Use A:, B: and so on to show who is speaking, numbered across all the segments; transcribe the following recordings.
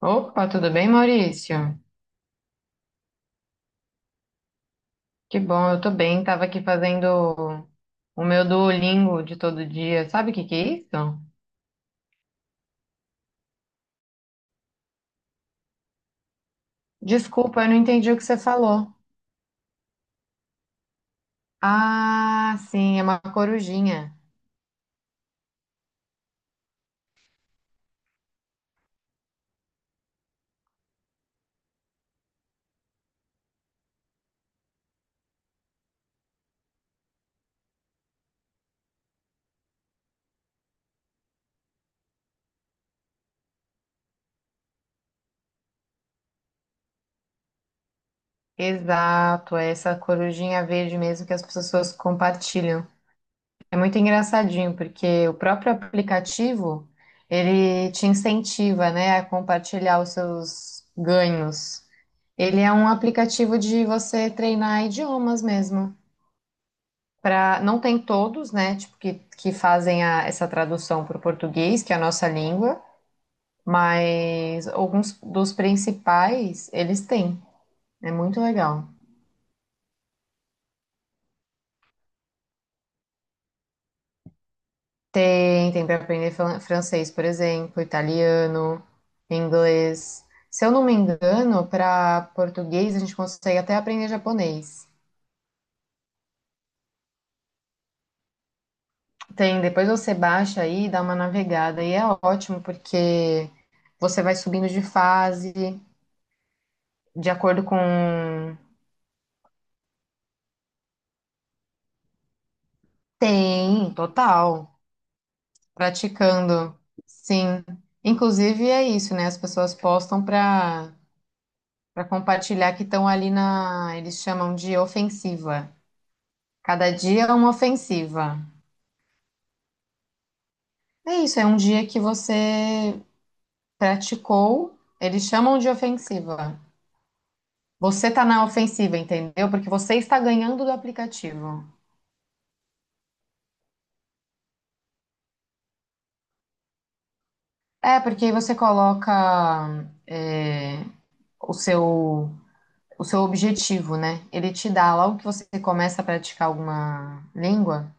A: Opa, tudo bem, Maurício? Que bom, eu tô bem. Tava aqui fazendo o meu Duolingo de todo dia. Sabe o que é isso? Desculpa, eu não entendi o que você falou. Ah, sim, é uma corujinha. Exato, é essa corujinha verde mesmo que as pessoas compartilham. É muito engraçadinho, porque o próprio aplicativo, ele te incentiva, né, a compartilhar os seus ganhos. Ele é um aplicativo de você treinar idiomas mesmo. Para não tem todos, né? Tipo que fazem essa tradução para o português, que é a nossa língua, mas alguns dos principais eles têm. É muito legal. Tem, tem para aprender francês, por exemplo, italiano, inglês. Se eu não me engano, para português a gente consegue até aprender japonês. Tem, depois você baixa aí e dá uma navegada e é ótimo porque você vai subindo de fase de acordo com. Tem, total. Praticando, sim. Inclusive é isso, né? As pessoas postam para compartilhar que estão ali na, eles chamam de ofensiva. Cada dia é uma ofensiva. É isso, é um dia que você praticou, eles chamam de ofensiva. Você tá na ofensiva, entendeu? Porque você está ganhando do aplicativo. É, porque aí você coloca é, o seu o seu objetivo, né? Ele te dá, logo que você começa a praticar alguma língua,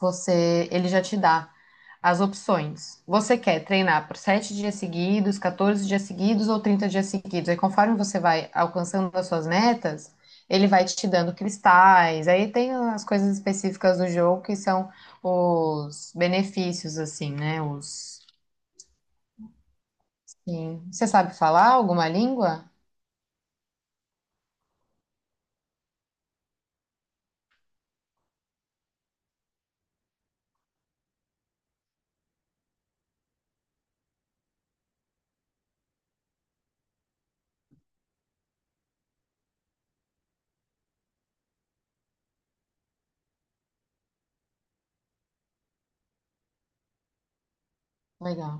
A: você, ele já te dá as opções. Você quer treinar por 7 dias seguidos, 14 dias seguidos ou 30 dias seguidos. Aí, conforme você vai alcançando as suas metas, ele vai te dando cristais. Aí tem as coisas específicas do jogo que são os benefícios, assim, né? Os. Sim. Você sabe falar alguma língua? Legal.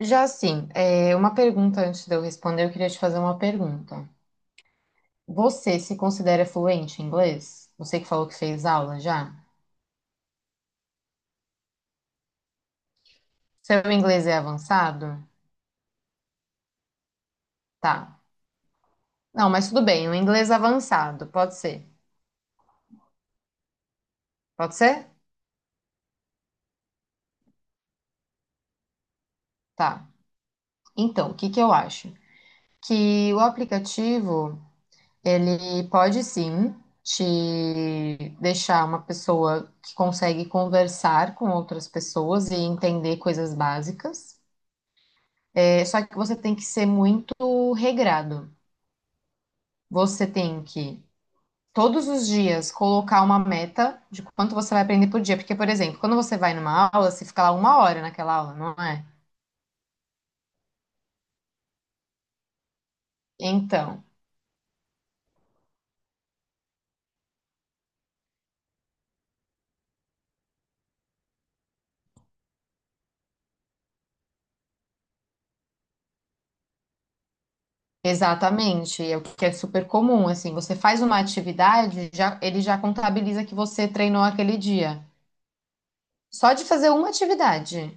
A: Já assim, é, uma pergunta antes de eu responder, eu queria te fazer uma pergunta. Você se considera fluente em inglês? Você que falou que fez aula já? Seu inglês é avançado? Tá. Não, mas tudo bem, um inglês avançado, pode ser. Pode ser? Tá. Então, o que eu acho? Que o aplicativo, ele pode sim te deixar uma pessoa que consegue conversar com outras pessoas e entender coisas básicas. É só que você tem que ser muito regrado. Você tem que todos os dias colocar uma meta de quanto você vai aprender por dia. Porque, por exemplo, quando você vai numa aula, você fica lá uma hora naquela aula, não é? Então, exatamente, é o que é super comum, assim, você faz uma atividade, já, ele já contabiliza que você treinou aquele dia. Só de fazer uma atividade.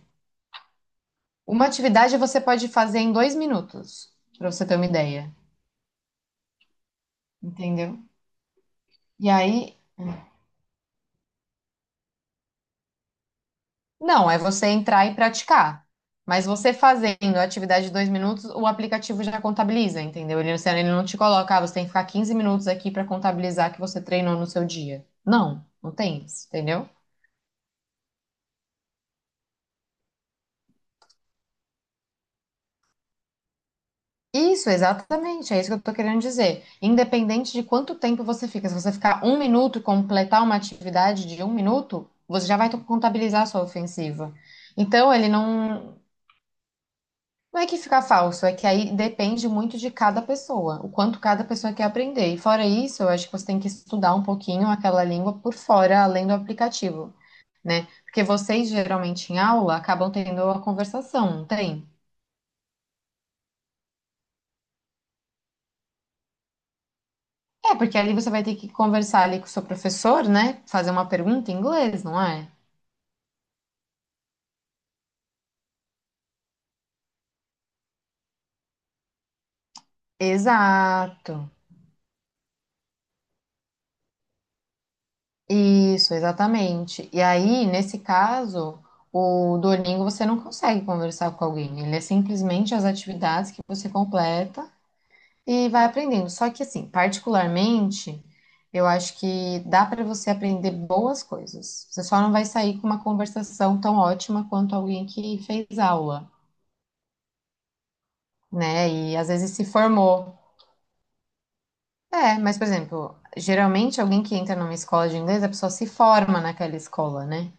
A: Uma atividade você pode fazer em dois minutos, para você ter uma ideia, entendeu? E aí. Não, é você entrar e praticar. Mas você fazendo a atividade de dois minutos, o aplicativo já contabiliza, entendeu? Ele, ele não te coloca, ah, você tem que ficar 15 minutos aqui para contabilizar que você treinou no seu dia. Não, não tem isso, entendeu? Isso, exatamente, é isso que eu tô querendo dizer. Independente de quanto tempo você fica, se você ficar um minuto e completar uma atividade de um minuto, você já vai contabilizar a sua ofensiva. Então, ele não. Não é que fica falso, é que aí depende muito de cada pessoa, o quanto cada pessoa quer aprender. E fora isso, eu acho que você tem que estudar um pouquinho aquela língua por fora, além do aplicativo, né? Porque vocês geralmente em aula acabam tendo a conversação, não tem? É, porque ali você vai ter que conversar ali com o seu professor, né? Fazer uma pergunta em inglês, não é? Exato. Isso, exatamente. E aí, nesse caso, o Duolingo você não consegue conversar com alguém. Ele é simplesmente as atividades que você completa e vai aprendendo. Só que, assim, particularmente, eu acho que dá para você aprender boas coisas. Você só não vai sair com uma conversação tão ótima quanto alguém que fez aula, né? E às vezes se formou. É, mas, por exemplo, geralmente alguém que entra numa escola de inglês, a pessoa se forma naquela escola, né?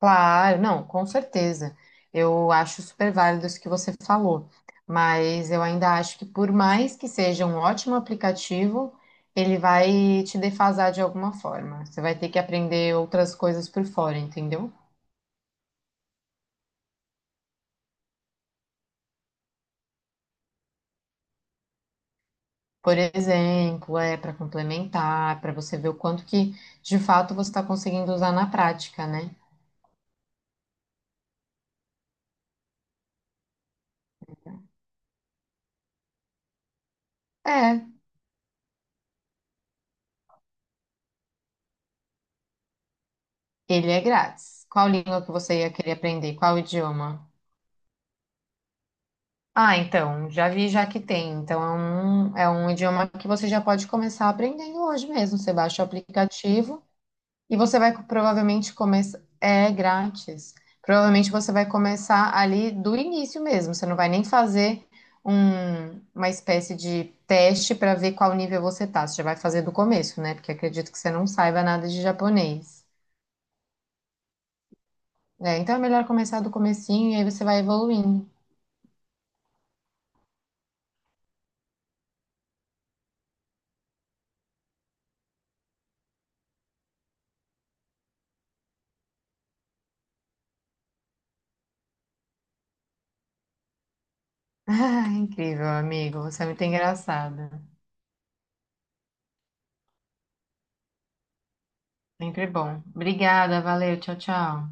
A: Claro, não, com certeza. Eu acho super válido isso que você falou, mas eu ainda acho que por mais que seja um ótimo aplicativo, ele vai te defasar de alguma forma. Você vai ter que aprender outras coisas por fora, entendeu? Por exemplo, é para complementar, para você ver o quanto que de fato você está conseguindo usar na prática, né? É, ele é grátis. Qual língua que você ia querer aprender? Qual idioma? Ah, então, já vi já que tem. Então, é um idioma que você já pode começar aprendendo hoje mesmo. Você baixa o aplicativo e você vai provavelmente começar. É grátis. Provavelmente você vai começar ali do início mesmo. Você não vai nem fazer uma espécie de teste para ver qual nível você tá. Você já vai fazer do começo, né? Porque acredito que você não saiba nada de japonês. É, então é melhor começar do comecinho e aí você vai evoluindo. Ah, incrível, amigo. Você é muito engraçado. Sempre bom. Obrigada, valeu, tchau, tchau.